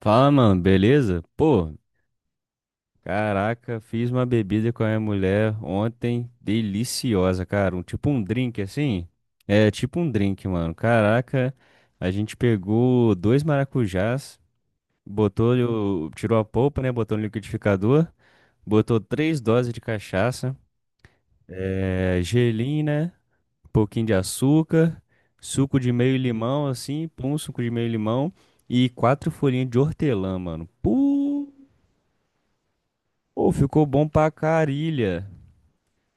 Fala, mano, beleza? Pô, caraca, fiz uma bebida com a minha mulher ontem, deliciosa, cara. Tipo um drink assim? É, tipo um drink, mano. Caraca, a gente pegou dois maracujás, botou, tirou a polpa, né? Botou no liquidificador, botou 3 doses de cachaça, é, gelim, né? Um pouquinho de açúcar, suco de meio limão, assim, pum, suco de meio limão e quatro folhinhas de hortelã, mano. Pô! Pô, ficou bom pra carilha.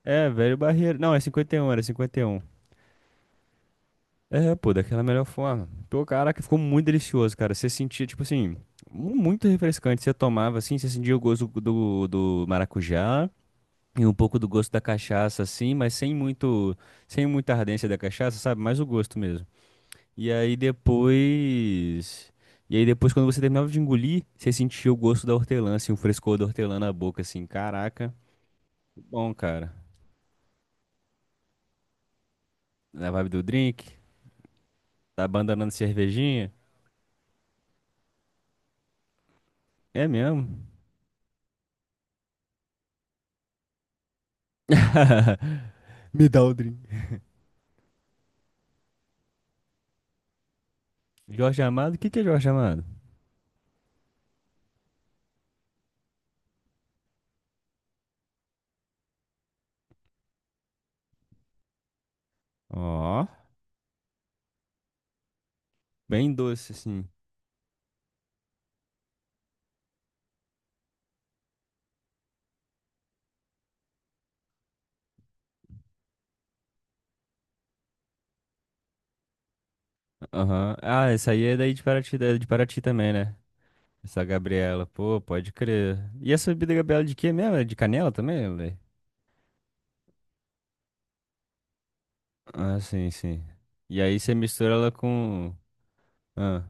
É, velho barreiro. Não, é 51, era cinquenta e um. É, pô, daquela melhor forma. Pô, caraca, ficou muito delicioso, cara. Você sentia, tipo assim, muito refrescante. Você tomava, assim, você sentia o gosto do maracujá e um pouco do gosto da cachaça, assim, mas sem muito, sem muita ardência da cachaça, sabe? Mais o gosto mesmo. E aí depois... E aí depois, quando você terminava de engolir, você sentia o gosto da hortelã, assim, o frescor da hortelã na boca, assim. Caraca, bom, cara. Na vibe do drink, tá abandonando cervejinha. É mesmo? Me dá o drink. Jorge Amado, o que que é Jorge Amado? Ó, bem doce, assim. Aham. Ah, essa aí é daí de Paraty, é de Paraty também, né? Essa Gabriela, pô, pode crer. E essa bebida Gabriela de quê mesmo? É de canela também, velho? Ah, sim, sim. E aí você mistura ela com. Ah,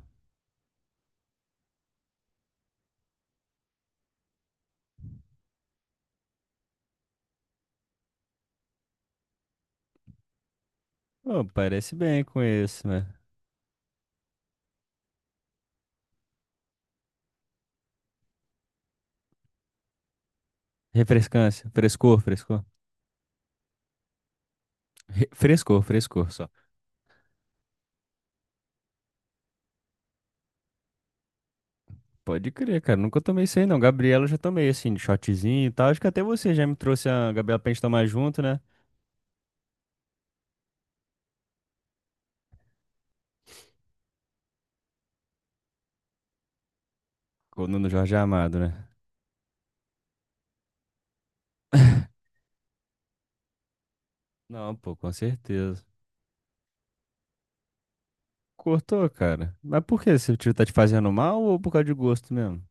pô, parece bem com esse, né? Refrescância, frescor, frescor. Frescor, frescor só. Pode crer, cara. Nunca tomei isso aí, não. Gabriela eu já tomei, assim, de shotzinho e tal. Acho que até você já me trouxe a Gabriela pra gente tomar junto, né? Com o Nuno Jorge Amado, né? Não, pô, com certeza. Cortou, cara. Mas por que? Se o tiro tá te fazendo mal ou por causa de gosto mesmo?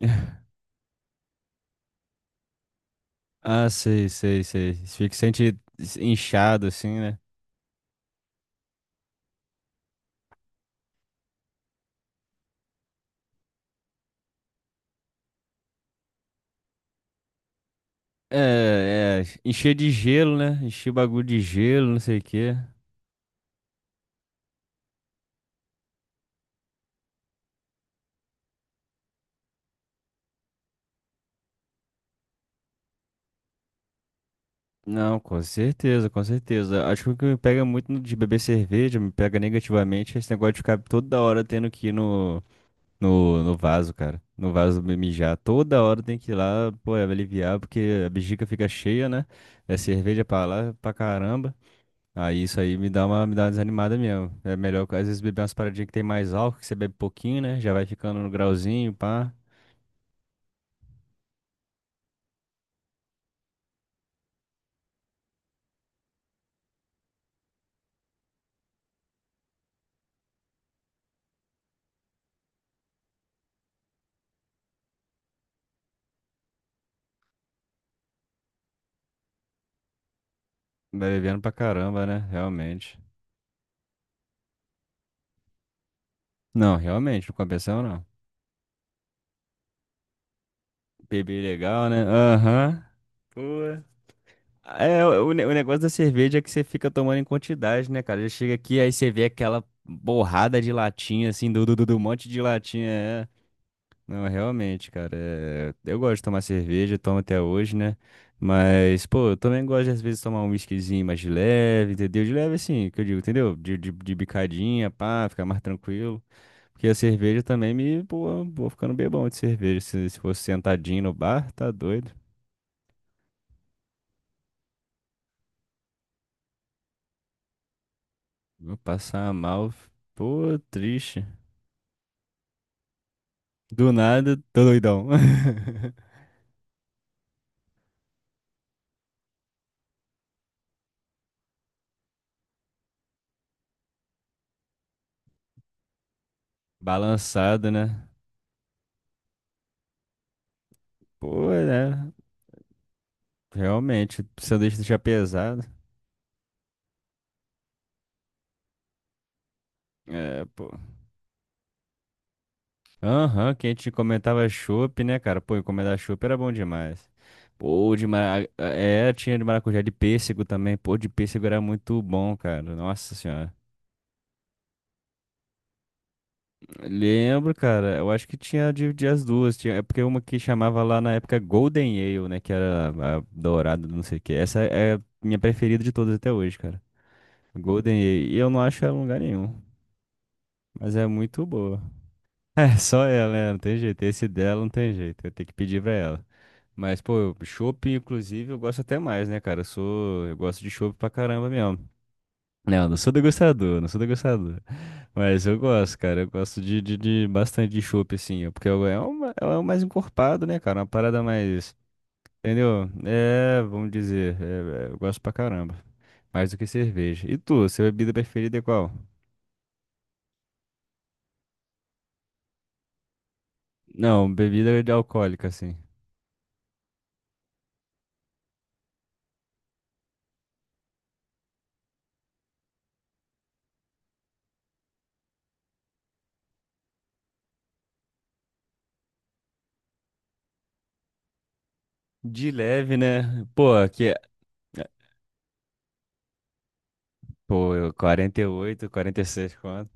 Ah, sei, sei, sei. Fica sente inchado, assim, né? É, é. Encher de gelo, né? Encher o bagulho de gelo, não sei o quê. Não, com certeza, com certeza. Acho que o que me pega muito de beber cerveja, me pega negativamente, é esse negócio de ficar toda hora tendo que ir no, no vaso, cara. No vaso mijar. Toda hora tem que ir lá, pô, é aliviar, porque a bexiga fica cheia, né? É cerveja pra lá, pra caramba. Aí isso aí me dá uma desanimada mesmo. É melhor, às vezes, beber umas paradinhas que tem mais álcool, que você bebe pouquinho, né? Já vai ficando no grauzinho, pá. Vai bebendo pra caramba, né? Realmente. Não, realmente, não compensa não. Beber legal, né? Aham. Pô. É, o negócio da cerveja é que você fica tomando em quantidade, né, cara? Já chega aqui, aí você vê aquela borrada de latinha, assim, do monte de latinha. É. Não, realmente, cara. Eu gosto de tomar cerveja, tomo até hoje, né? Mas, pô, eu também gosto de, às vezes, tomar um whiskyzinho mais de leve, entendeu? De leve, assim, que eu digo, entendeu? De, de bicadinha, pá, ficar mais tranquilo. Porque a cerveja também me, pô, vou ficando bem bom de cerveja. Se fosse sentadinho no bar, tá doido. Vou passar mal. Pô, triste. Do nada, tô doidão. Balançado, né? Pô, é. Realmente, sanduíche deixa pesado. É, pô. Aham, que a gente comentava chopp, né, cara? Pô, encomendar chopp era bom demais. Pô, de mara... É, tinha de maracujá de pêssego também. Pô, de pêssego era muito bom, cara. Nossa senhora. Lembro, cara. Eu acho que tinha de, as duas. Tinha, é porque uma que chamava lá na época Golden Ale, né? Que era a dourada, do não sei o quê. Essa é a minha preferida de todas até hoje, cara. Golden Ale. E eu não acho ela em lugar nenhum. Mas é muito boa. É, só ela, né? Não tem jeito. Esse dela não tem jeito. Eu tenho que pedir pra ela. Mas, pô, chopp, inclusive, eu gosto até mais, né, cara? Eu sou. Eu gosto de chopp pra caramba mesmo. Não, não sou degustador, não sou degustador. Mas eu gosto, cara. Eu gosto de bastante de chopp, assim. Porque é o é é o mais encorpado, né, cara? Uma parada mais. Entendeu? É, vamos dizer. Eu gosto pra caramba. Mais do que cerveja. E tu, sua bebida preferida é qual? Não, bebida de alcoólica, assim. De leve, né? Pô, aqui. Pô, eu 48, 46, quanto?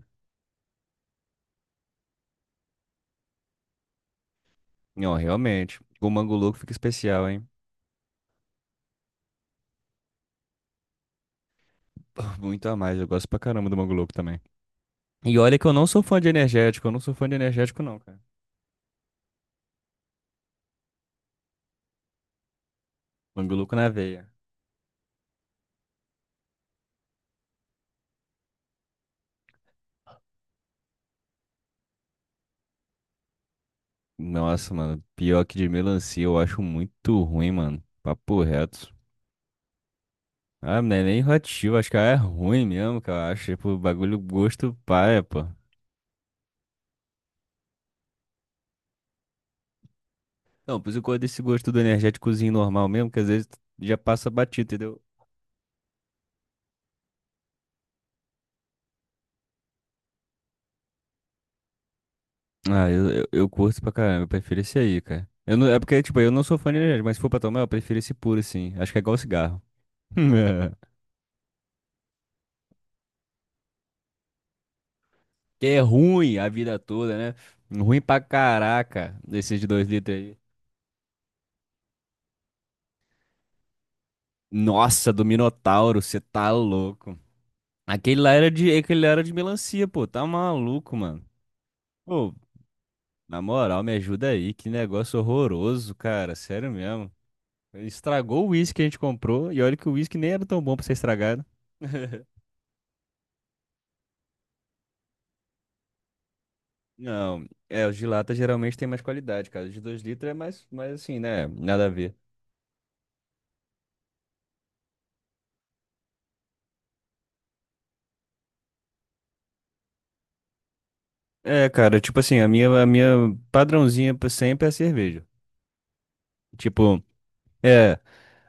Não, realmente. O Mango Louco fica especial, hein? Pô, muito a mais. Eu gosto pra caramba do Mango Louco também. E olha que eu não sou fã de energético, eu não sou fã de energético, não, cara. Manguluco na veia. Nossa, mano, pior que de melancia, eu acho muito ruim, mano. Papo reto. Ah, não é nem relativo, acho que é ruim mesmo, que eu acho. Tipo, bagulho gosto paia, pô. Não, por isso eu gosto desse gosto do energéticozinho normal mesmo, que às vezes já passa batido, entendeu? Ah, eu curto pra caramba, eu prefiro esse aí, cara. Eu não, é porque, tipo, eu não sou fã de energético, mas se for pra tomar, eu prefiro esse puro, assim. Acho que é igual cigarro. Que é ruim a vida toda, né? Ruim pra caraca, desses de 2 litros aí. Nossa, do Minotauro, você tá louco. Aquele lá era de melancia, pô. Tá maluco, mano. Pô, na moral, me ajuda aí. Que negócio horroroso, cara. Sério mesmo. Estragou o uísque que a gente comprou. E olha que o uísque nem era tão bom pra ser estragado. Não, é, os de lata geralmente tem mais qualidade, cara. Os de 2 litros é mais, mais assim, né? Nada a ver. É, cara, tipo assim, a minha padrãozinha pra sempre é a cerveja. Tipo, é,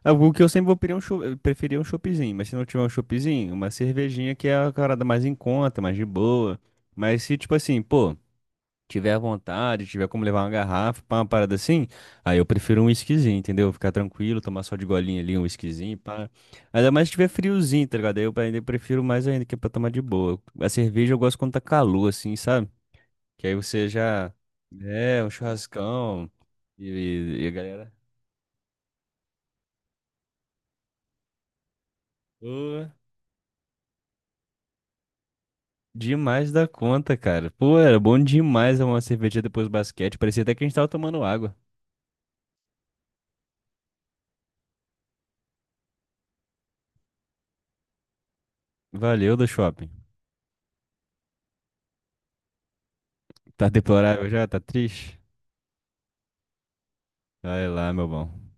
algo que eu sempre vou preferir eu preferia um choppzinho, mas se não tiver um choppzinho, uma cervejinha que é a parada mais em conta, mais de boa. Mas se, tipo assim, pô, tiver à vontade, tiver como levar uma garrafa pra uma parada assim, aí eu prefiro um whiskyzinho, entendeu? Ficar tranquilo, tomar só de golinha ali um whiskyzinho, pá. Ainda mais se tiver friozinho, tá ligado? Aí eu ainda prefiro mais ainda, que é pra tomar de boa. A cerveja eu gosto quando tá calor, assim, sabe? Que aí você já. É, um churrascão. E a galera. Ô. Demais da conta, cara. Pô, era bom demais uma cerveja depois do basquete. Parecia até que a gente tava tomando água. Valeu do shopping. Tá deplorável já? Tá triste? Vai lá, meu bom.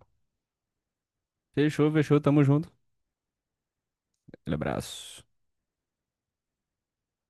Fechou, fechou. Tamo junto. Aquele abraço.